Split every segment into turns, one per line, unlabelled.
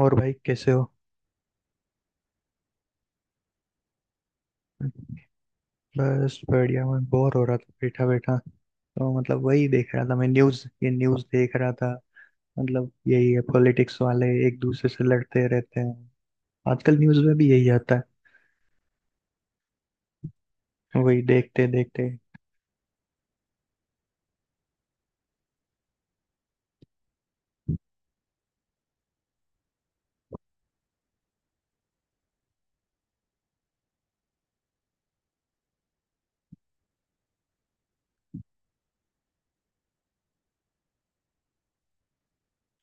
और भाई कैसे हो? बस बढ़िया। मैं बोर हो रहा था बैठा बैठा, तो मतलब वही देख रहा था, मैं न्यूज़ देख रहा था। मतलब यही है, पॉलिटिक्स वाले एक दूसरे से लड़ते रहते हैं। आजकल न्यूज़ में भी यही आता है। वही देखते देखते।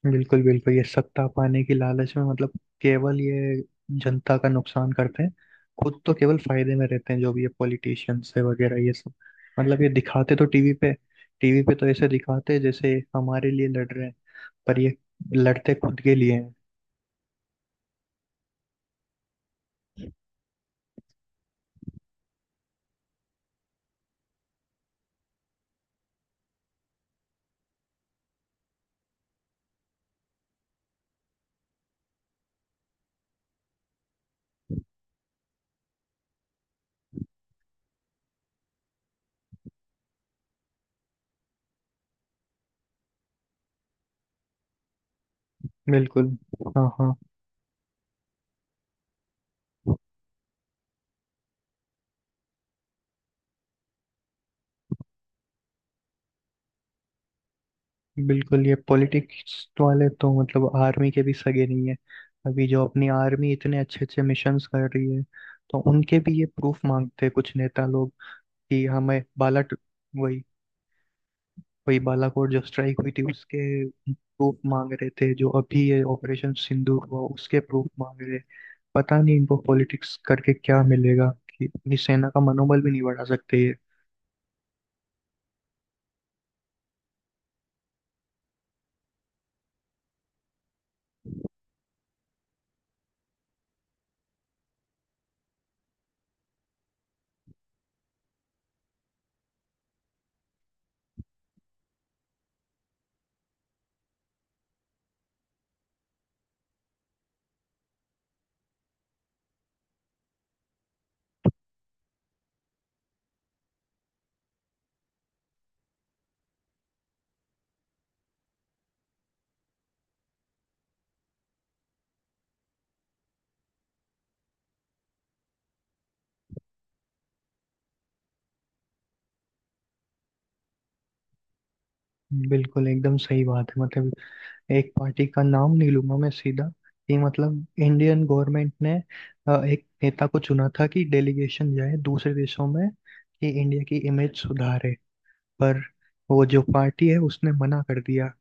बिल्कुल, बिल्कुल, ये सत्ता पाने की लालच में मतलब केवल ये जनता का नुकसान करते हैं। खुद तो केवल फायदे में रहते हैं, जो भी ये पॉलिटिशियंस है वगैरह ये सब। मतलब ये दिखाते तो टीवी पे, टीवी पे तो ऐसे दिखाते हैं जैसे हमारे लिए लड़ रहे हैं, पर ये लड़ते खुद के लिए हैं। बिल्कुल। हाँ, हाँ। बिल्कुल, ये पॉलिटिक्स वाले तो मतलब आर्मी के भी सगे नहीं है। अभी जो अपनी आर्मी इतने अच्छे अच्छे मिशंस कर रही है, तो उनके भी ये प्रूफ मांगते हैं कुछ नेता लोग कि हमें बाला वही, वही बालाकोट जो स्ट्राइक हुई थी उसके प्रूफ मांग रहे थे, जो अभी ये ऑपरेशन सिंदूर हुआ उसके प्रूफ मांग रहे। पता नहीं इनको पॉलिटिक्स करके क्या मिलेगा, कि अपनी सेना का मनोबल भी नहीं बढ़ा सकते ये। बिल्कुल एकदम सही बात है, मतलब एक पार्टी का नाम नहीं लूंगा मैं सीधा, कि मतलब इंडियन गवर्नमेंट ने एक नेता को चुना था कि डेलीगेशन जाए दूसरे देशों में, कि इंडिया की इमेज सुधारे। पर वो जो पार्टी है उसने मना कर दिया।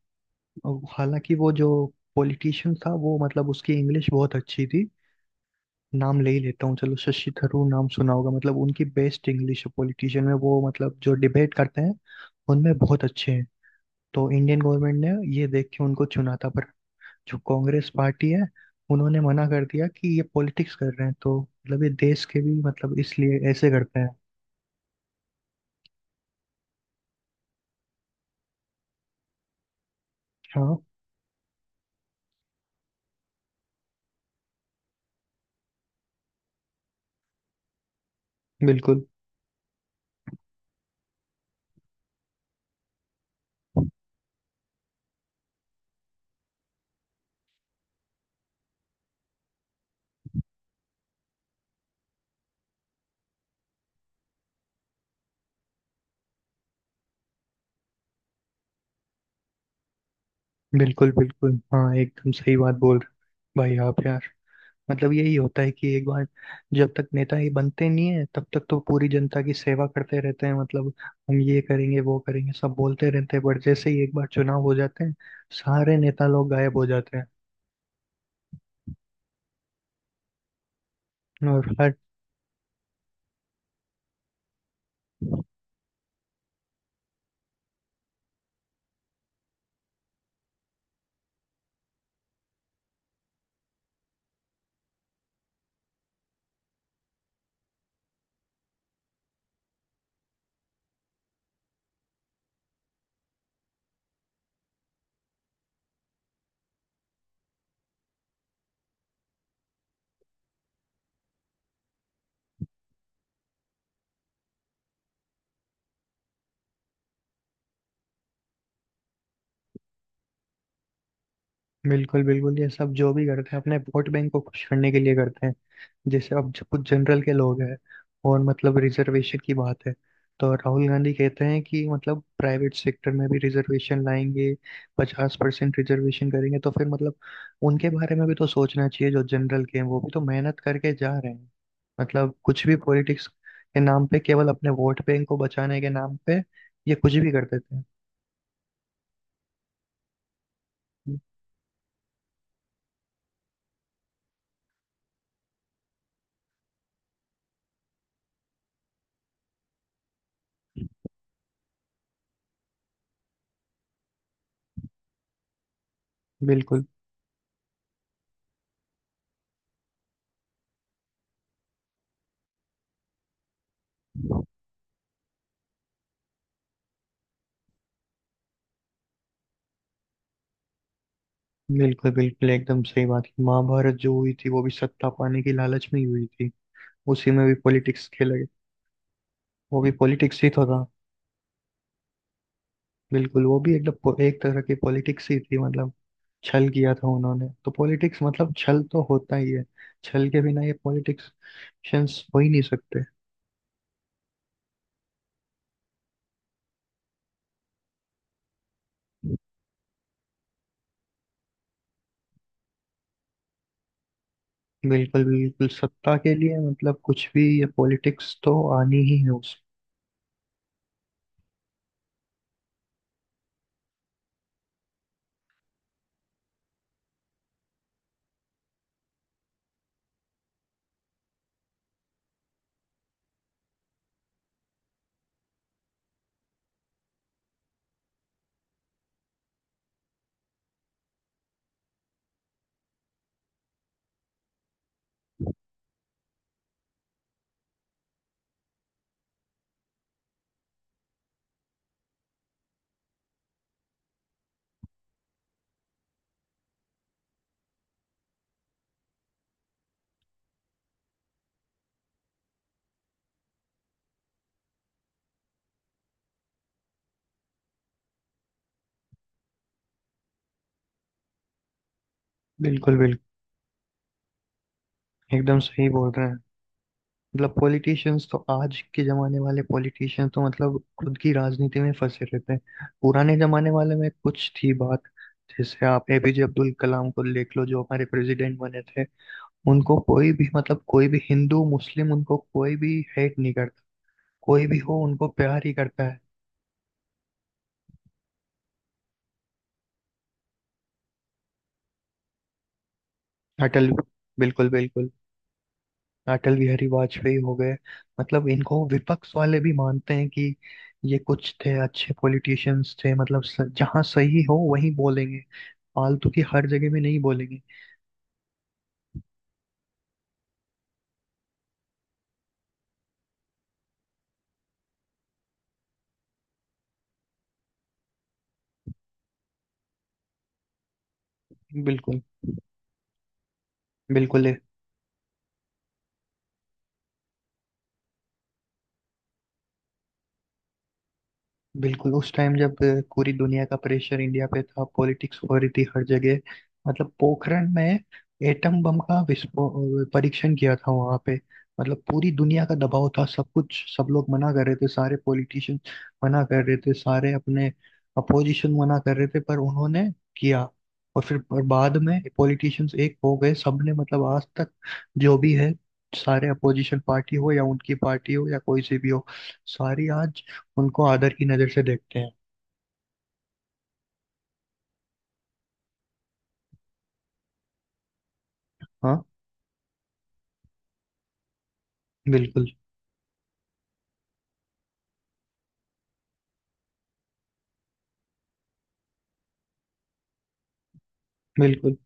और हालांकि वो जो पॉलिटिशियन था, वो मतलब उसकी इंग्लिश बहुत अच्छी थी। नाम ले ही लेता हूँ, चलो, शशि थरूर, नाम सुना होगा, मतलब उनकी बेस्ट इंग्लिश है पॉलिटिशियन में, वो मतलब जो डिबेट करते हैं उनमें बहुत अच्छे हैं। तो इंडियन गवर्नमेंट ने ये देख के उनको चुना था, पर जो कांग्रेस पार्टी है उन्होंने मना कर दिया कि ये पॉलिटिक्स कर रहे हैं, तो मतलब ये देश के भी मतलब इसलिए ऐसे करते हैं। हाँ। बिल्कुल, बिल्कुल, बिल्कुल, हाँ, एकदम सही बात बोल रहे हो, भाई आप यार। मतलब यही होता है कि एक बार, जब तक नेता ही बनते नहीं है तब तक तो पूरी जनता की सेवा करते रहते हैं, मतलब हम ये करेंगे वो करेंगे सब बोलते रहते हैं, बट जैसे ही एक बार चुनाव हो जाते हैं सारे नेता लोग गायब हो जाते हैं। और हर। बिल्कुल, बिल्कुल, ये सब जो भी करते हैं अपने वोट बैंक को खुश करने के लिए करते हैं। जैसे अब जो कुछ जनरल के लोग हैं, और मतलब रिजर्वेशन की बात है, तो राहुल गांधी कहते हैं कि मतलब प्राइवेट सेक्टर में भी रिजर्वेशन लाएंगे, 50% रिजर्वेशन करेंगे, तो फिर मतलब उनके बारे में भी तो सोचना चाहिए, जो जनरल के हैं वो भी तो मेहनत करके जा रहे हैं। मतलब कुछ भी पॉलिटिक्स के नाम पे, केवल अपने वोट बैंक को बचाने के नाम पे ये कुछ भी कर देते हैं। बिल्कुल, बिल्कुल, बिल्कुल एकदम सही बात, महाभारत जो हुई थी वो भी सत्ता पाने की लालच में ही हुई थी। उसी में भी पॉलिटिक्स खेला गया, वो भी पॉलिटिक्स ही तो था। बिल्कुल, वो भी एकदम एक तरह की पॉलिटिक्स ही थी, मतलब छल किया था उन्होंने, तो पॉलिटिक्स मतलब छल तो होता ही है। छल के बिना ये पॉलिटिक्स हो ही नहीं सकते। बिल्कुल, बिल्कुल, सत्ता के लिए मतलब कुछ भी ये पॉलिटिक्स तो आनी ही है उस। बिल्कुल, बिल्कुल, एकदम सही बोल रहे हैं। मतलब पॉलिटिशियंस तो, आज के जमाने वाले पॉलिटिशियंस तो मतलब खुद की राजनीति में फंसे रहते हैं, पुराने जमाने वाले में कुछ थी बात। जैसे आप एपीजे अब्दुल कलाम को देख लो, जो हमारे प्रेसिडेंट बने थे, उनको कोई भी, मतलब कोई भी हिंदू मुस्लिम, उनको कोई भी हेट नहीं करता। कोई भी हो उनको प्यार ही करता है। अटल, बिल्कुल, बिल्कुल, अटल बिहारी वाजपेयी हो गए। मतलब इनको विपक्ष वाले भी मानते हैं कि ये कुछ थे अच्छे पॉलिटिशियंस थे, मतलब जहाँ सही हो वहीं बोलेंगे, फालतू की हर जगह में नहीं बोलेंगे। बिल्कुल, बिल्कुल, बिल्कुल उस टाइम जब पूरी दुनिया का प्रेशर इंडिया पे था, पॉलिटिक्स हो रही थी हर जगह। मतलब पोखरण में एटम बम का विस्फोट परीक्षण किया था वहां पे। मतलब पूरी दुनिया का दबाव था, सब कुछ, सब लोग मना कर रहे थे, सारे पॉलिटिशियन मना कर रहे थे, सारे अपने अपोजिशन मना कर रहे थे, पर उन्होंने किया। और फिर, पर बाद में पॉलिटिशियंस एक हो गए, सबने मतलब आज तक जो भी है, सारे अपोजिशन पार्टी हो या उनकी पार्टी हो या कोई सी भी हो, सारी आज उनको आदर की नजर से देखते हैं। हाँ। बिल्कुल, बिल्कुल,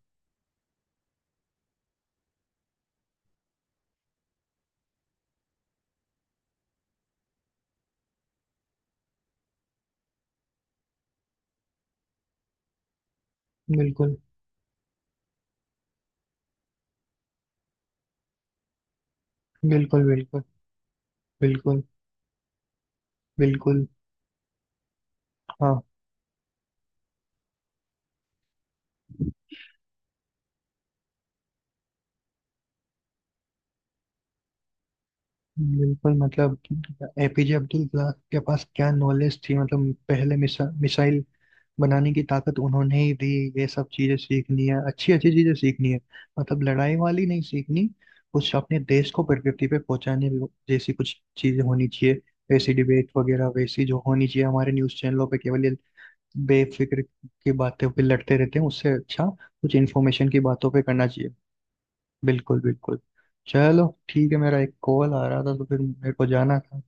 बिल्कुल, बिल्कुल, बिल्कुल, बिल्कुल, बिल्कुल, हाँ। बिल्कुल, मतलब एपीजे अब्दुल कलाम के पास क्या नॉलेज थी, मतलब पहले मिसाइल बनाने की ताकत उन्होंने ही दी। ये सब चीजें सीखनी है, अच्छी अच्छी चीजें सीखनी है, मतलब लड़ाई वाली नहीं सीखनी। कुछ अपने देश को प्रगति पे पहुंचाने जैसी कुछ चीजें होनी चाहिए, वैसी डिबेट वगैरह वैसी जो होनी चाहिए हमारे न्यूज चैनलों पे। केवल ये बेफिक्र की बातें पे लड़ते रहते हैं, उससे अच्छा कुछ इन्फॉर्मेशन की बातों पे करना चाहिए। बिल्कुल, बिल्कुल, चलो ठीक है, मेरा एक कॉल आ रहा था तो फिर मेरे को जाना था।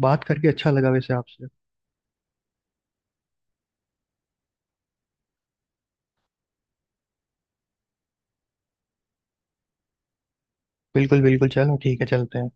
बात करके अच्छा लगा वैसे आपसे। बिल्कुल, बिल्कुल, चलो ठीक है, चलते हैं।